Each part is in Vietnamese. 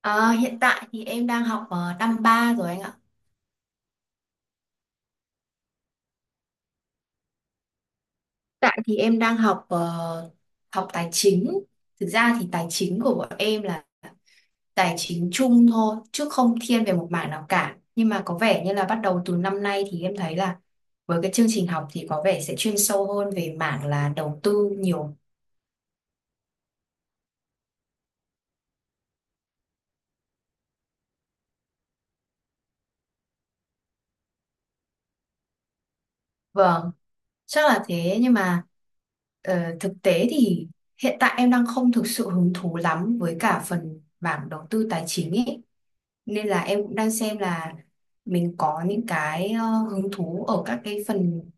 Ờ, hiện tại thì em đang học năm 3 rồi anh ạ. Tại thì em đang học tài chính. Thực ra thì tài chính của bọn em là tài chính chung thôi, chứ không thiên về một mảng nào cả. Nhưng mà có vẻ như là bắt đầu từ năm nay thì em thấy là với cái chương trình học thì có vẻ sẽ chuyên sâu hơn về mảng là đầu tư nhiều. Vâng, chắc là thế nhưng mà thực tế thì hiện tại em đang không thực sự hứng thú lắm với cả phần mảng đầu tư tài chính ấy. Nên là em cũng đang xem là mình có những cái hứng thú ở các cái phần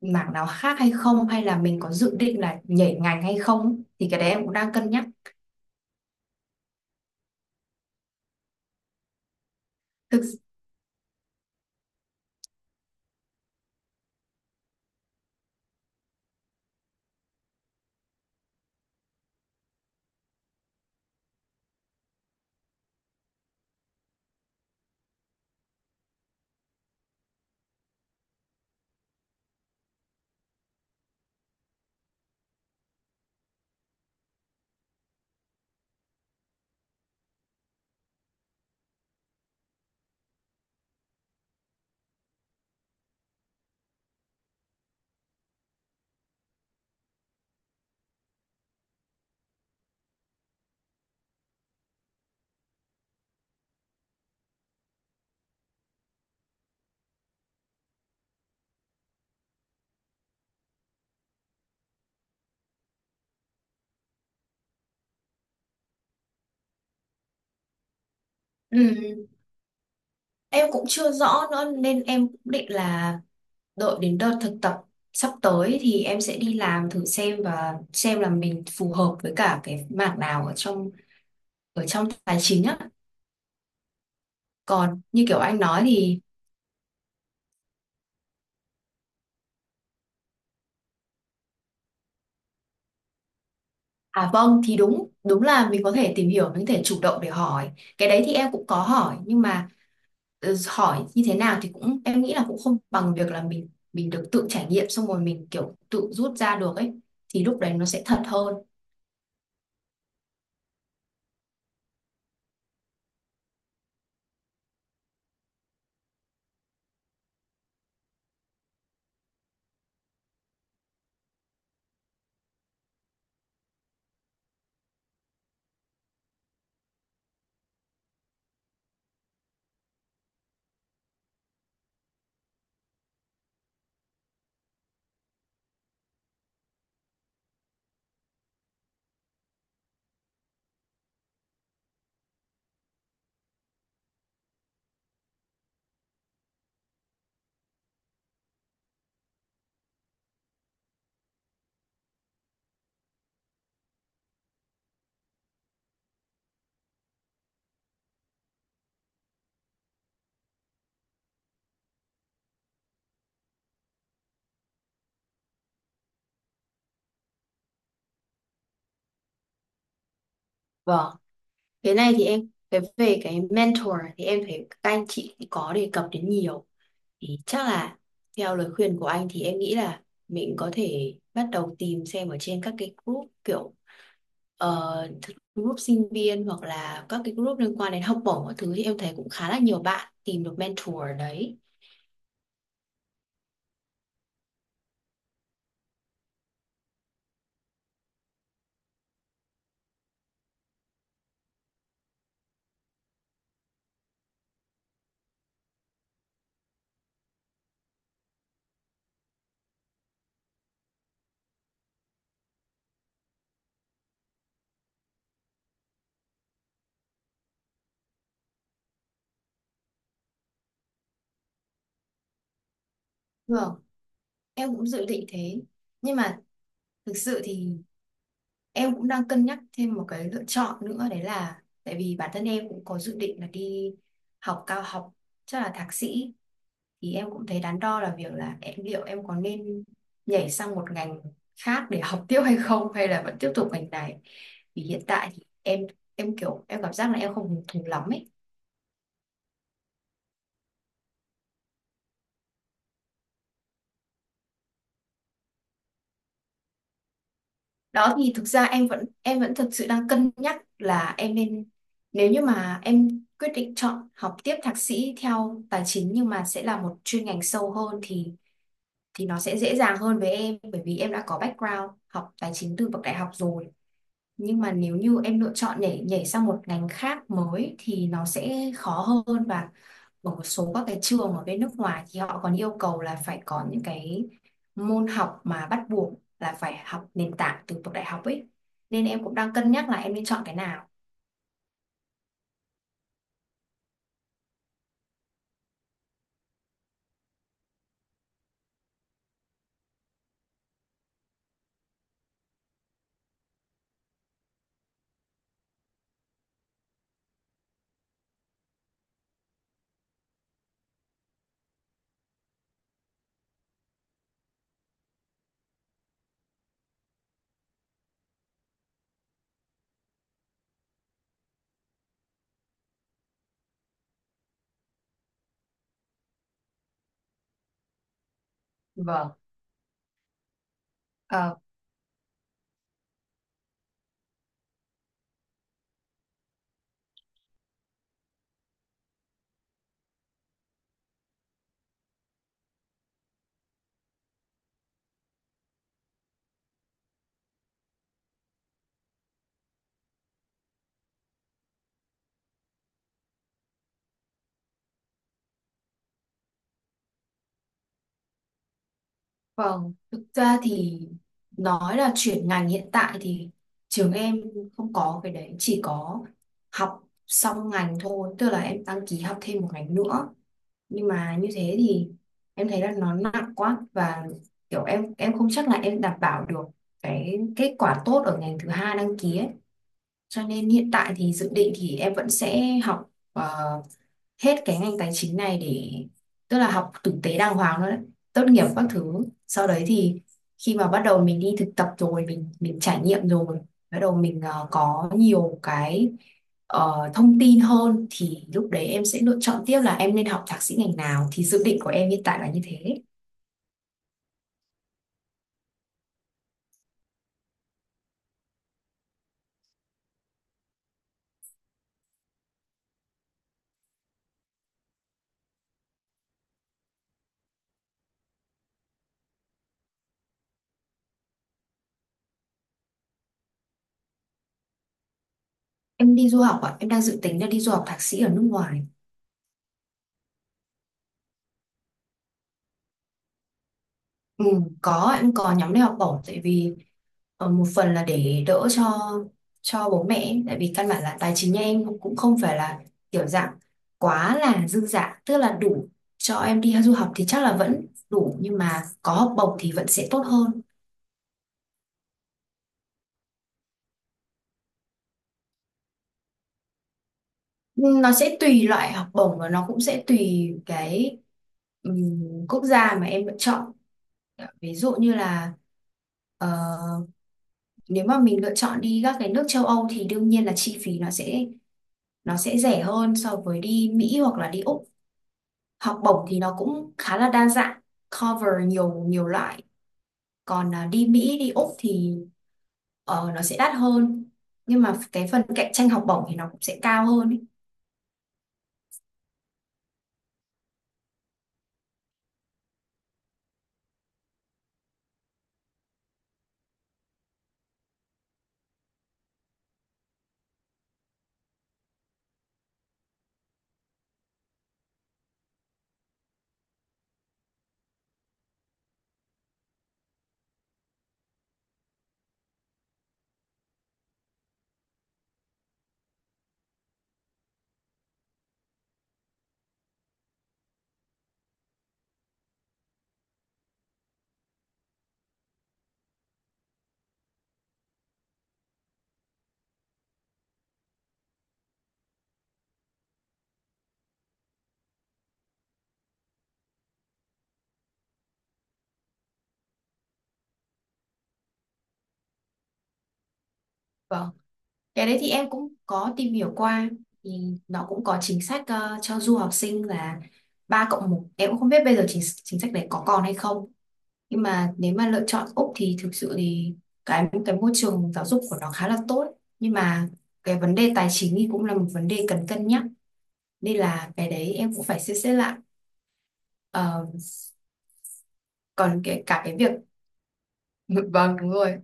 mảng nào khác hay không, hay là mình có dự định là nhảy ngành hay không, thì cái đấy em cũng đang cân nhắc. Thực ừ, em cũng chưa rõ nữa nên em cũng định là đợi đến đợt thực tập sắp tới thì em sẽ đi làm thử xem, và xem là mình phù hợp với cả cái mảng nào ở trong tài chính á. Còn như kiểu anh nói thì, à vâng, thì đúng đúng là mình có thể tìm hiểu, mình có thể chủ động để hỏi. Cái đấy thì em cũng có hỏi nhưng mà hỏi như thế nào thì cũng em nghĩ là cũng không bằng việc là mình được tự trải nghiệm xong rồi mình kiểu tự rút ra được ấy, thì lúc đấy nó sẽ thật hơn. Vâng. Cái này thì em về cái mentor thì em thấy các anh chị thì có đề cập đến nhiều. Thì chắc là theo lời khuyên của anh thì em nghĩ là mình có thể bắt đầu tìm xem ở trên các cái group kiểu ờ, group sinh viên hoặc là các cái group liên quan đến học bổng các thứ, thì em thấy cũng khá là nhiều bạn tìm được mentor ở đấy. Vâng, em cũng dự định thế. Nhưng mà thực sự thì em cũng đang cân nhắc thêm một cái lựa chọn nữa, đấy là tại vì bản thân em cũng có dự định là đi học cao học, chắc là thạc sĩ, thì em cũng thấy đắn đo là việc là em liệu em có nên nhảy sang một ngành khác để học tiếp hay không, hay là vẫn tiếp tục ngành này. Vì hiện tại thì em kiểu em cảm giác là em không hứng thú lắm ấy. Đó thì thực ra em vẫn thực sự đang cân nhắc là em nên, nếu như mà em quyết định chọn học tiếp thạc sĩ theo tài chính nhưng mà sẽ là một chuyên ngành sâu hơn, thì nó sẽ dễ dàng hơn với em bởi vì em đã có background học tài chính từ bậc đại học rồi. Nhưng mà nếu như em lựa chọn để nhảy sang một ngành khác mới thì nó sẽ khó hơn, và ở một số các cái trường ở bên nước ngoài thì họ còn yêu cầu là phải có những cái môn học mà bắt buộc là phải học nền tảng từ bậc đại học ấy. Nên em cũng đang cân nhắc là em nên chọn cái nào. Vâng. Ờ. Vâng, thực ra thì nói là chuyển ngành, hiện tại thì trường em không có cái đấy, chỉ có học xong ngành thôi, tức là em đăng ký học thêm một ngành nữa. Nhưng mà như thế thì em thấy là nó nặng quá, và kiểu em không chắc là em đảm bảo được cái kết quả tốt ở ngành thứ hai đăng ký ấy. Cho nên hiện tại thì dự định thì em vẫn sẽ học hết cái ngành tài chính này để, tức là học tử tế đàng hoàng thôi đấy, tốt nghiệp các thứ, sau đấy thì khi mà bắt đầu mình đi thực tập rồi mình trải nghiệm rồi, bắt đầu mình có nhiều cái thông tin hơn thì lúc đấy em sẽ lựa chọn tiếp là em nên học thạc sĩ ngành nào, thì dự định của em hiện tại là như thế. Em đi du học ạ, em đang dự tính là đi du học thạc sĩ ở nước ngoài. Ừ, em có nhóm đi học bổng, tại vì một phần là để đỡ cho bố mẹ ấy. Tại vì căn bản là tài chính nhà em cũng không phải là kiểu dạng quá là dư dả, tức là đủ cho em đi du học thì chắc là vẫn đủ nhưng mà có học bổng thì vẫn sẽ tốt hơn. Ừ, nó sẽ tùy loại học bổng và nó cũng sẽ tùy cái quốc gia mà em lựa chọn, ví dụ như là ờ, nếu mà mình lựa chọn đi các cái nước châu Âu thì đương nhiên là chi phí nó sẽ rẻ hơn so với đi Mỹ hoặc là đi Úc. Học bổng thì nó cũng khá là đa dạng, cover nhiều nhiều loại. Còn à, đi Mỹ đi Úc thì nó sẽ đắt hơn nhưng mà cái phần cạnh tranh học bổng thì nó cũng sẽ cao hơn ấy. Vâng, cái đấy thì em cũng có tìm hiểu qua, thì nó cũng có chính sách cho du học sinh là 3+1, em cũng không biết bây giờ chính chính sách đấy có còn hay không. Nhưng mà nếu mà lựa chọn Úc thì thực sự thì cái môi trường giáo dục của nó khá là tốt, nhưng mà cái vấn đề tài chính thì cũng là một vấn đề cần cân nhắc, nên là cái đấy em cũng phải xem xét lại. Ờ, còn cái cả cái việc vâng, đúng rồi.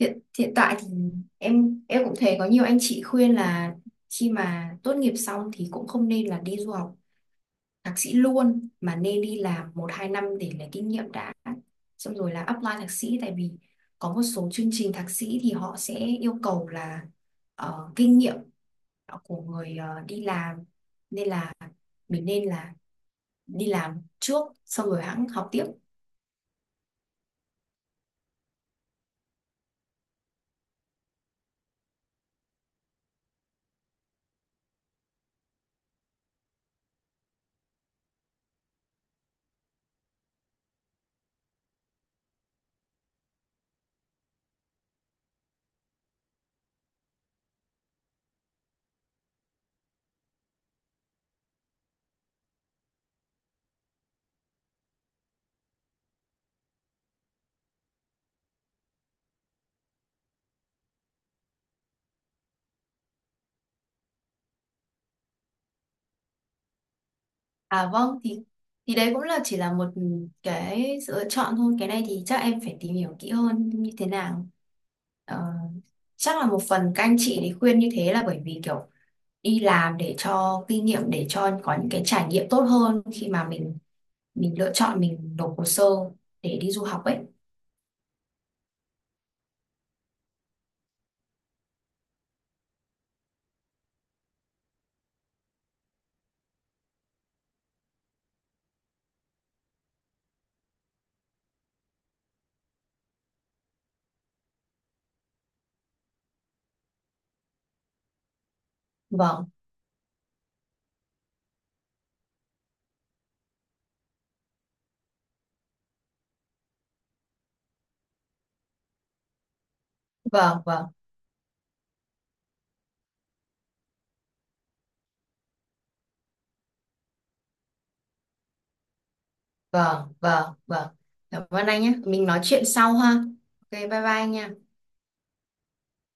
Hiện hiện tại thì em cũng thấy có nhiều anh chị khuyên là khi mà tốt nghiệp xong thì cũng không nên là đi du học thạc sĩ luôn mà nên đi làm một hai năm để lấy kinh nghiệm đã, xong rồi là apply thạc sĩ, tại vì có một số chương trình thạc sĩ thì họ sẽ yêu cầu là kinh nghiệm của người đi làm, nên là mình nên là đi làm trước xong rồi hãng học tiếp. À vâng, thì đấy cũng là chỉ là một cái sự lựa chọn thôi. Cái này thì chắc em phải tìm hiểu kỹ hơn như thế nào. Ờ, chắc là một phần các anh chị thì khuyên như thế là bởi vì kiểu đi làm để cho kinh nghiệm, để cho có những cái trải nghiệm tốt hơn khi mà mình lựa chọn mình nộp hồ sơ để đi du học ấy. Vâng, vâng, vâng, vâng, vâng, vâng. Cảm ơn anh nhé. Mình nói chuyện sau ha. Ok, bye bye anh nha.